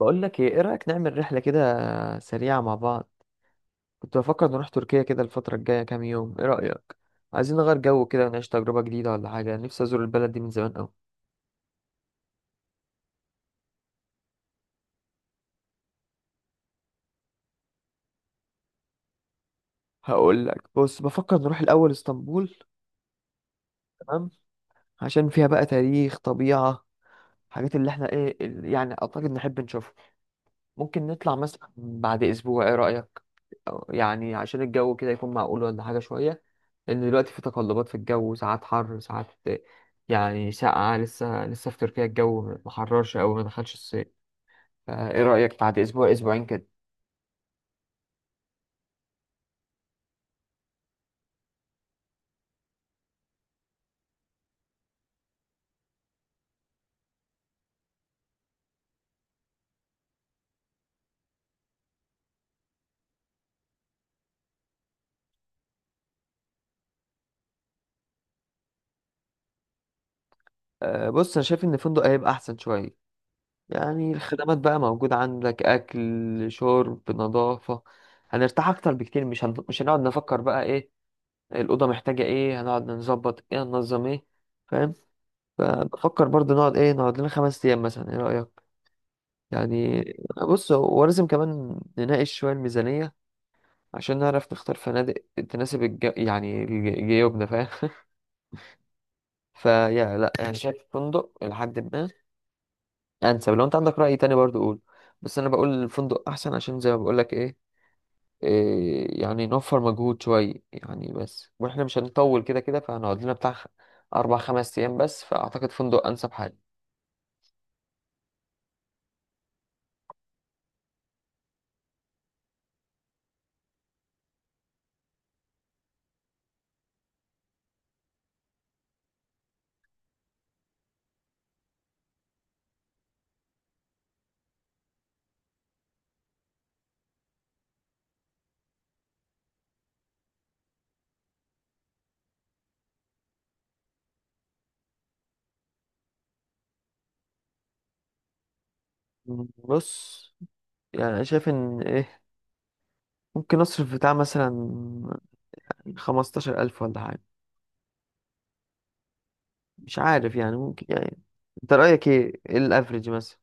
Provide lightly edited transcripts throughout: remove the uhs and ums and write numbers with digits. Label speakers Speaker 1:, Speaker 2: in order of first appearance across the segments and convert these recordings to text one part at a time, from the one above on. Speaker 1: بقول لك ايه رأيك نعمل رحلة كده سريعة مع بعض. كنت بفكر نروح تركيا كده الفترة الجاية كام يوم، ايه رأيك؟ عايزين نغير جو كده ونعيش تجربة جديدة ولا حاجة. نفسي ازور البلد دي من زمان قوي. هقول لك، بص، بفكر نروح الاول اسطنبول. تمام. عشان فيها بقى تاريخ، طبيعة، حاجات اللي احنا يعني اعتقد نحب نشوفها. ممكن نطلع مثلا بعد اسبوع، ايه رأيك؟ أو يعني عشان الجو كده يكون معقول ولا حاجة شوية، لأن دلوقتي في تقلبات في الجو، ساعات حر ساعات يعني ساقعة. لسه في تركيا الجو محررش أوي، ما دخلش الصيف. فإيه رأيك بعد أسبوع أسبوعين كده؟ أه، بص، أنا شايف إن الفندق هيبقى أحسن شوية. يعني الخدمات بقى موجودة، عندك أكل شرب نظافة. هنرتاح أكتر بكتير، مش هنقعد نفكر بقى إيه الأوضة محتاجة، إيه هنقعد نظبط، إيه هننظم. إيه فاهم؟ فبفكر برضه نقعد إيه، نقعد لنا 5 أيام مثلا، إيه رأيك؟ يعني بص، هو لازم كمان نناقش شوية الميزانية عشان نعرف نختار فنادق تناسب جيوبنا، فاهم؟ فيا لا انا شايف فندق لحد ما انسب. لو انت عندك رأي تاني برضو قول، بس انا بقول الفندق احسن، عشان زي ما بقول لك ايه، إيه يعني نوفر مجهود شوية. يعني بس واحنا مش هنطول كده كده، فهنقعد لنا بتاع 4 5 أيام بس، فأعتقد فندق أنسب حاجة. بص يعني أنا شايف إن إيه، ممكن أصرف بتاع مثلا 15 ألف ولا حاجة. مش عارف يعني، ممكن يعني. أنت رأيك إيه، إيه الأفريج مثلا؟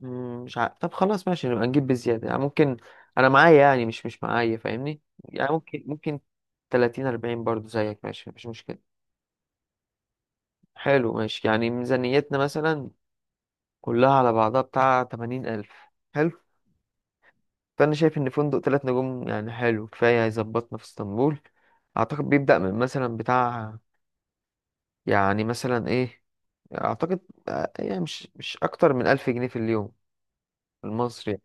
Speaker 1: مم، مش عارف. طب خلاص ماشي، نبقى نجيب بزيادة يعني ممكن. أنا معايا يعني، مش معايا، فاهمني؟ يعني ممكن 30، 40 برضو زيك، ماشي، مفيش مشكلة. حلو ماشي، يعني ميزانيتنا مثلا كلها على بعضها بتاع 80 ألف. حلو. فأنا شايف إن فندق تلات نجوم يعني حلو كفاية، هيظبطنا في اسطنبول. أعتقد بيبدأ من مثلا بتاع، يعني مثلا إيه، أعتقد، آه، يعني مش أكتر من 1000 جنيه في اليوم المصري.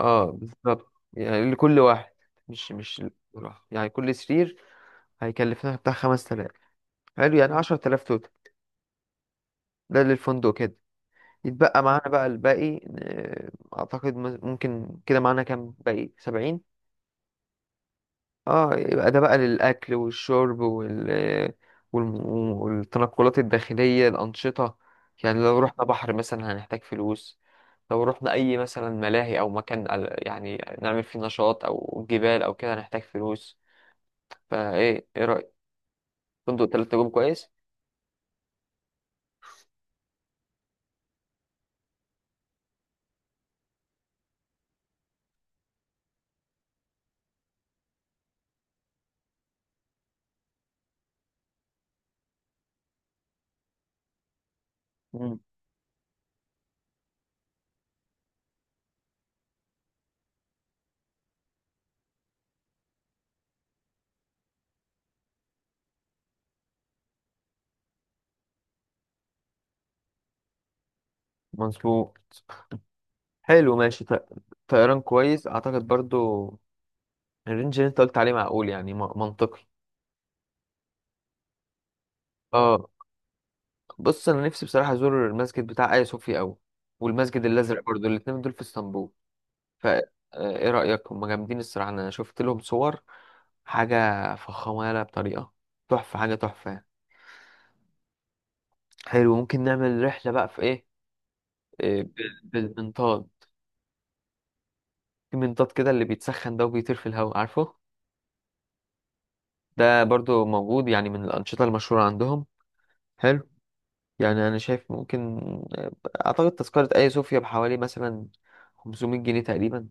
Speaker 1: اه بالظبط، يعني لكل واحد. مش لواحد. يعني كل سرير هيكلفنا بتاع 5000. حلو، يعني 10000 توتال. ده للفندق كده. يتبقى معانا بقى الباقي. آه، اعتقد ممكن كده معانا كام، باقي 70. اه، يبقى ده بقى للاكل والشرب وال والم- والتنقلات الداخلية الأنشطة. يعني لو رحنا بحر مثلا هنحتاج فلوس، لو رحنا أي مثلا ملاهي أو مكان يعني نعمل فيه نشاط أو جبال أو كده هنحتاج فلوس. فايه، ايه رأيك؟ فندق تلات نجوم كويس. مم. مظبوط. حلو ماشي. طيران كويس اعتقد برضو. الرينج اللي انت قلت عليه معقول يعني منطقي. اه، بص انا نفسي بصراحه ازور المسجد بتاع ايا صوفيا قوي، والمسجد الازرق برضو، الاتنين دول في اسطنبول. فا، آه، ايه رايك؟ هم جامدين الصراحه، انا شفت لهم صور، حاجه فخمه يالا بطريقه، تحفه، حاجه تحفه. حلو، ممكن نعمل رحله بقى في ايه، آه، بالمنطاد. في منطاد كده اللي بيتسخن ده وبيطير في الهواء، عارفه؟ ده برضو موجود يعني من الأنشطة المشهورة عندهم. حلو يعني، أنا شايف ممكن، آه، أعتقد تذكرة أي صوفيا بحوالي مثلا 500 جنيه تقريبا.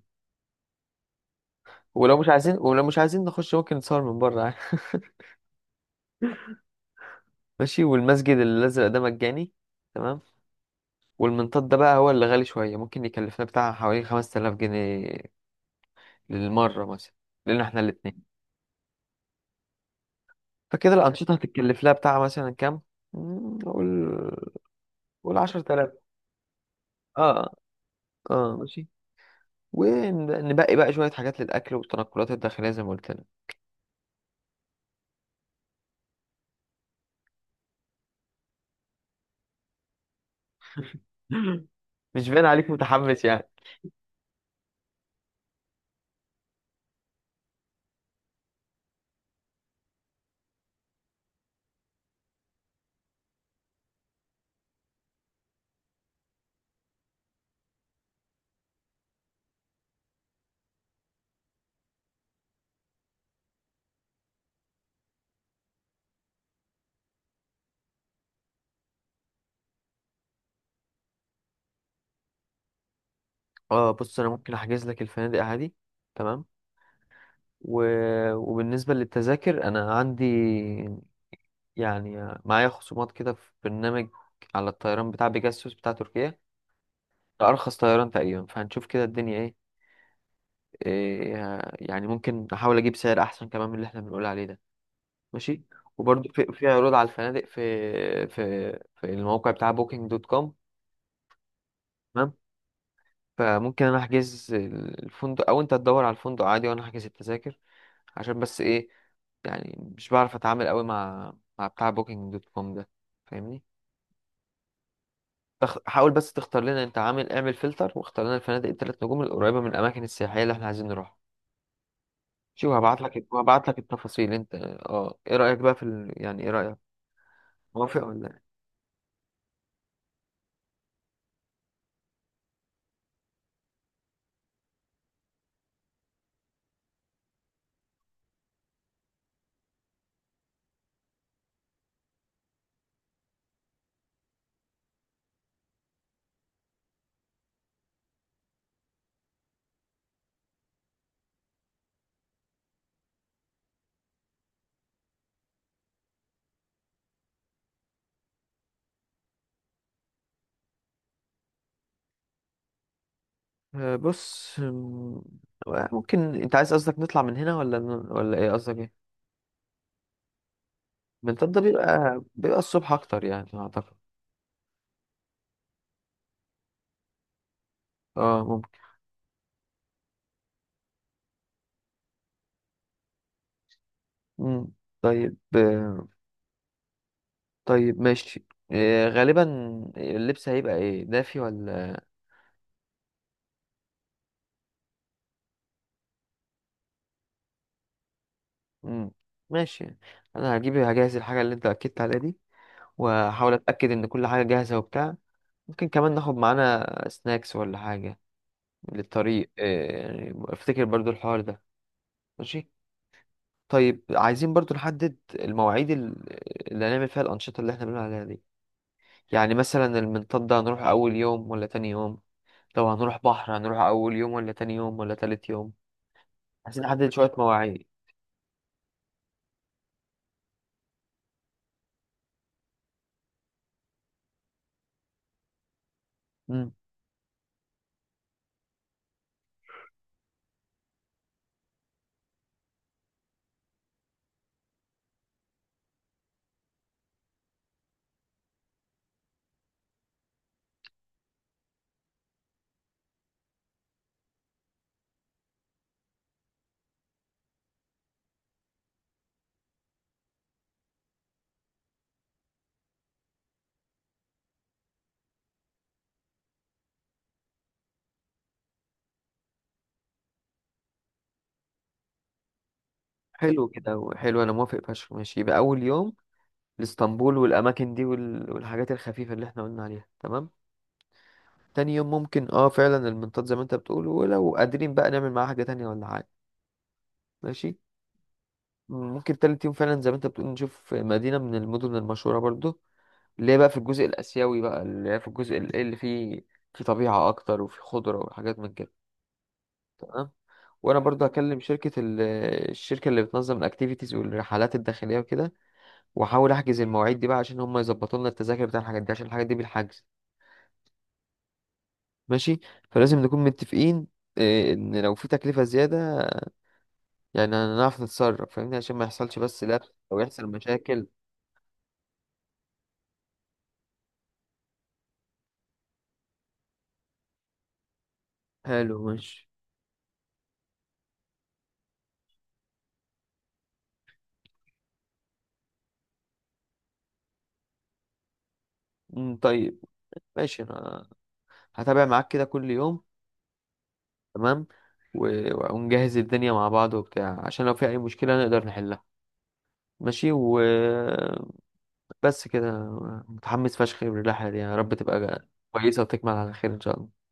Speaker 1: ولو مش عايزين نخش ممكن نتصور من بره عادي. ماشي. والمسجد الأزرق ده مجاني، تمام. والمنطاد ده بقى هو اللي غالي شوية، ممكن يكلفنا بتاع حوالي 5000 جنيه للمرة مثلا، لأن احنا الاتنين. فكده الأنشطة هتتكلف لها بتاع مثلا كام؟ مم، قول. قول 10000. اه، اه ماشي. ونبقي بقى شوية حاجات للأكل والتنقلات الداخلية زي ما قلت لك. مش باين عليك متحمس يعني. اه بص، أنا ممكن أحجز لك الفنادق عادي. تمام. و... وبالنسبة للتذاكر أنا عندي، يعني معايا خصومات كده في برنامج، على الطيران بتاع بيجاسوس بتاع تركيا. ده أرخص طيران تقريبا، فهنشوف كده الدنيا إيه. إيه، يعني ممكن أحاول أجيب سعر أحسن كمان من اللي إحنا بنقول عليه ده. ماشي. وبرضه في عروض على الفنادق في في الموقع بتاع بوكينج دوت كوم. فممكن انا احجز الفندق او انت تدور على الفندق عادي وانا احجز التذاكر. عشان بس ايه، يعني مش بعرف اتعامل قوي مع بتاع بوكينج دوت كوم ده، فاهمني؟ حاول بس تختار لنا انت، عامل اعمل فلتر واختار لنا الفنادق الثلاث نجوم القريبه من الاماكن السياحيه اللي احنا عايزين نروحها. شوف، هبعت لك التفاصيل انت. اه، ايه رايك بقى في يعني ايه رايك؟ موافق ولا إيه؟ آه، بص، ممكن انت عايز، قصدك نطلع من هنا ولا ايه قصدك ايه؟ من طنطا بيبقى الصبح اكتر يعني اعتقد. اه ممكن. مم. طيب، آه، طيب ماشي. آه، غالبا اللبس هيبقى ايه دافي ولا؟ مم. ماشي. انا هجهز الحاجه اللي انت اكدت عليها دي، وهحاول اتاكد ان كل حاجه جاهزه وبتاع. ممكن كمان ناخد معانا سناكس ولا حاجه للطريق، آه، يعني افتكر برضو الحوار ده. ماشي. طيب عايزين برضو نحدد المواعيد اللي هنعمل فيها الانشطه اللي احنا بنقول عليها دي. يعني مثلا المنطاد ده هنروح اول يوم ولا تاني يوم؟ طب هنروح بحر، هنروح أول يوم ولا تاني يوم ولا تالت يوم؟ عايزين نحدد شوية مواعيد. مم. حلو كده، حلو أنا موافق فشخ، ماشي. يبقى أول يوم لإسطنبول والأماكن دي والحاجات الخفيفة اللي احنا قلنا عليها، تمام. تاني يوم ممكن اه فعلا المنطاد زي ما انت بتقول، ولو قادرين بقى نعمل معاها حاجة تانية ولا حاجة. ماشي. ممكن تالت يوم فعلا زي ما انت بتقول نشوف مدينة من المدن المشهورة برضو، اللي هي بقى في الجزء الآسيوي بقى، اللي هي في الجزء اللي فيه في طبيعة أكتر وفي خضرة وحاجات من كده. تمام. وانا برضو هكلم شركه الشركه اللي بتنظم الاكتيفيتيز والرحلات الداخليه وكده، واحاول احجز المواعيد دي بقى عشان هم يظبطوا لنا التذاكر بتاع الحاجات دي، عشان الحاجات دي بالحجز. ماشي. فلازم نكون متفقين إيه، ان لو في تكلفه زياده يعني هنعرف نتصرف، فاهمني؟ عشان ما يحصلش بس لبس او يحصل مشاكل. حلو ماشي. أمم، طيب ماشي. انا هتابع معاك كده كل يوم. تمام. ونجهز الدنيا مع بعض وبتاع، عشان لو في اي مشكله نقدر نحلها. ماشي. و بس كده. متحمس فشخ للرحلة دي، يا رب تبقى كويسة وتكمل على خير إن شاء الله.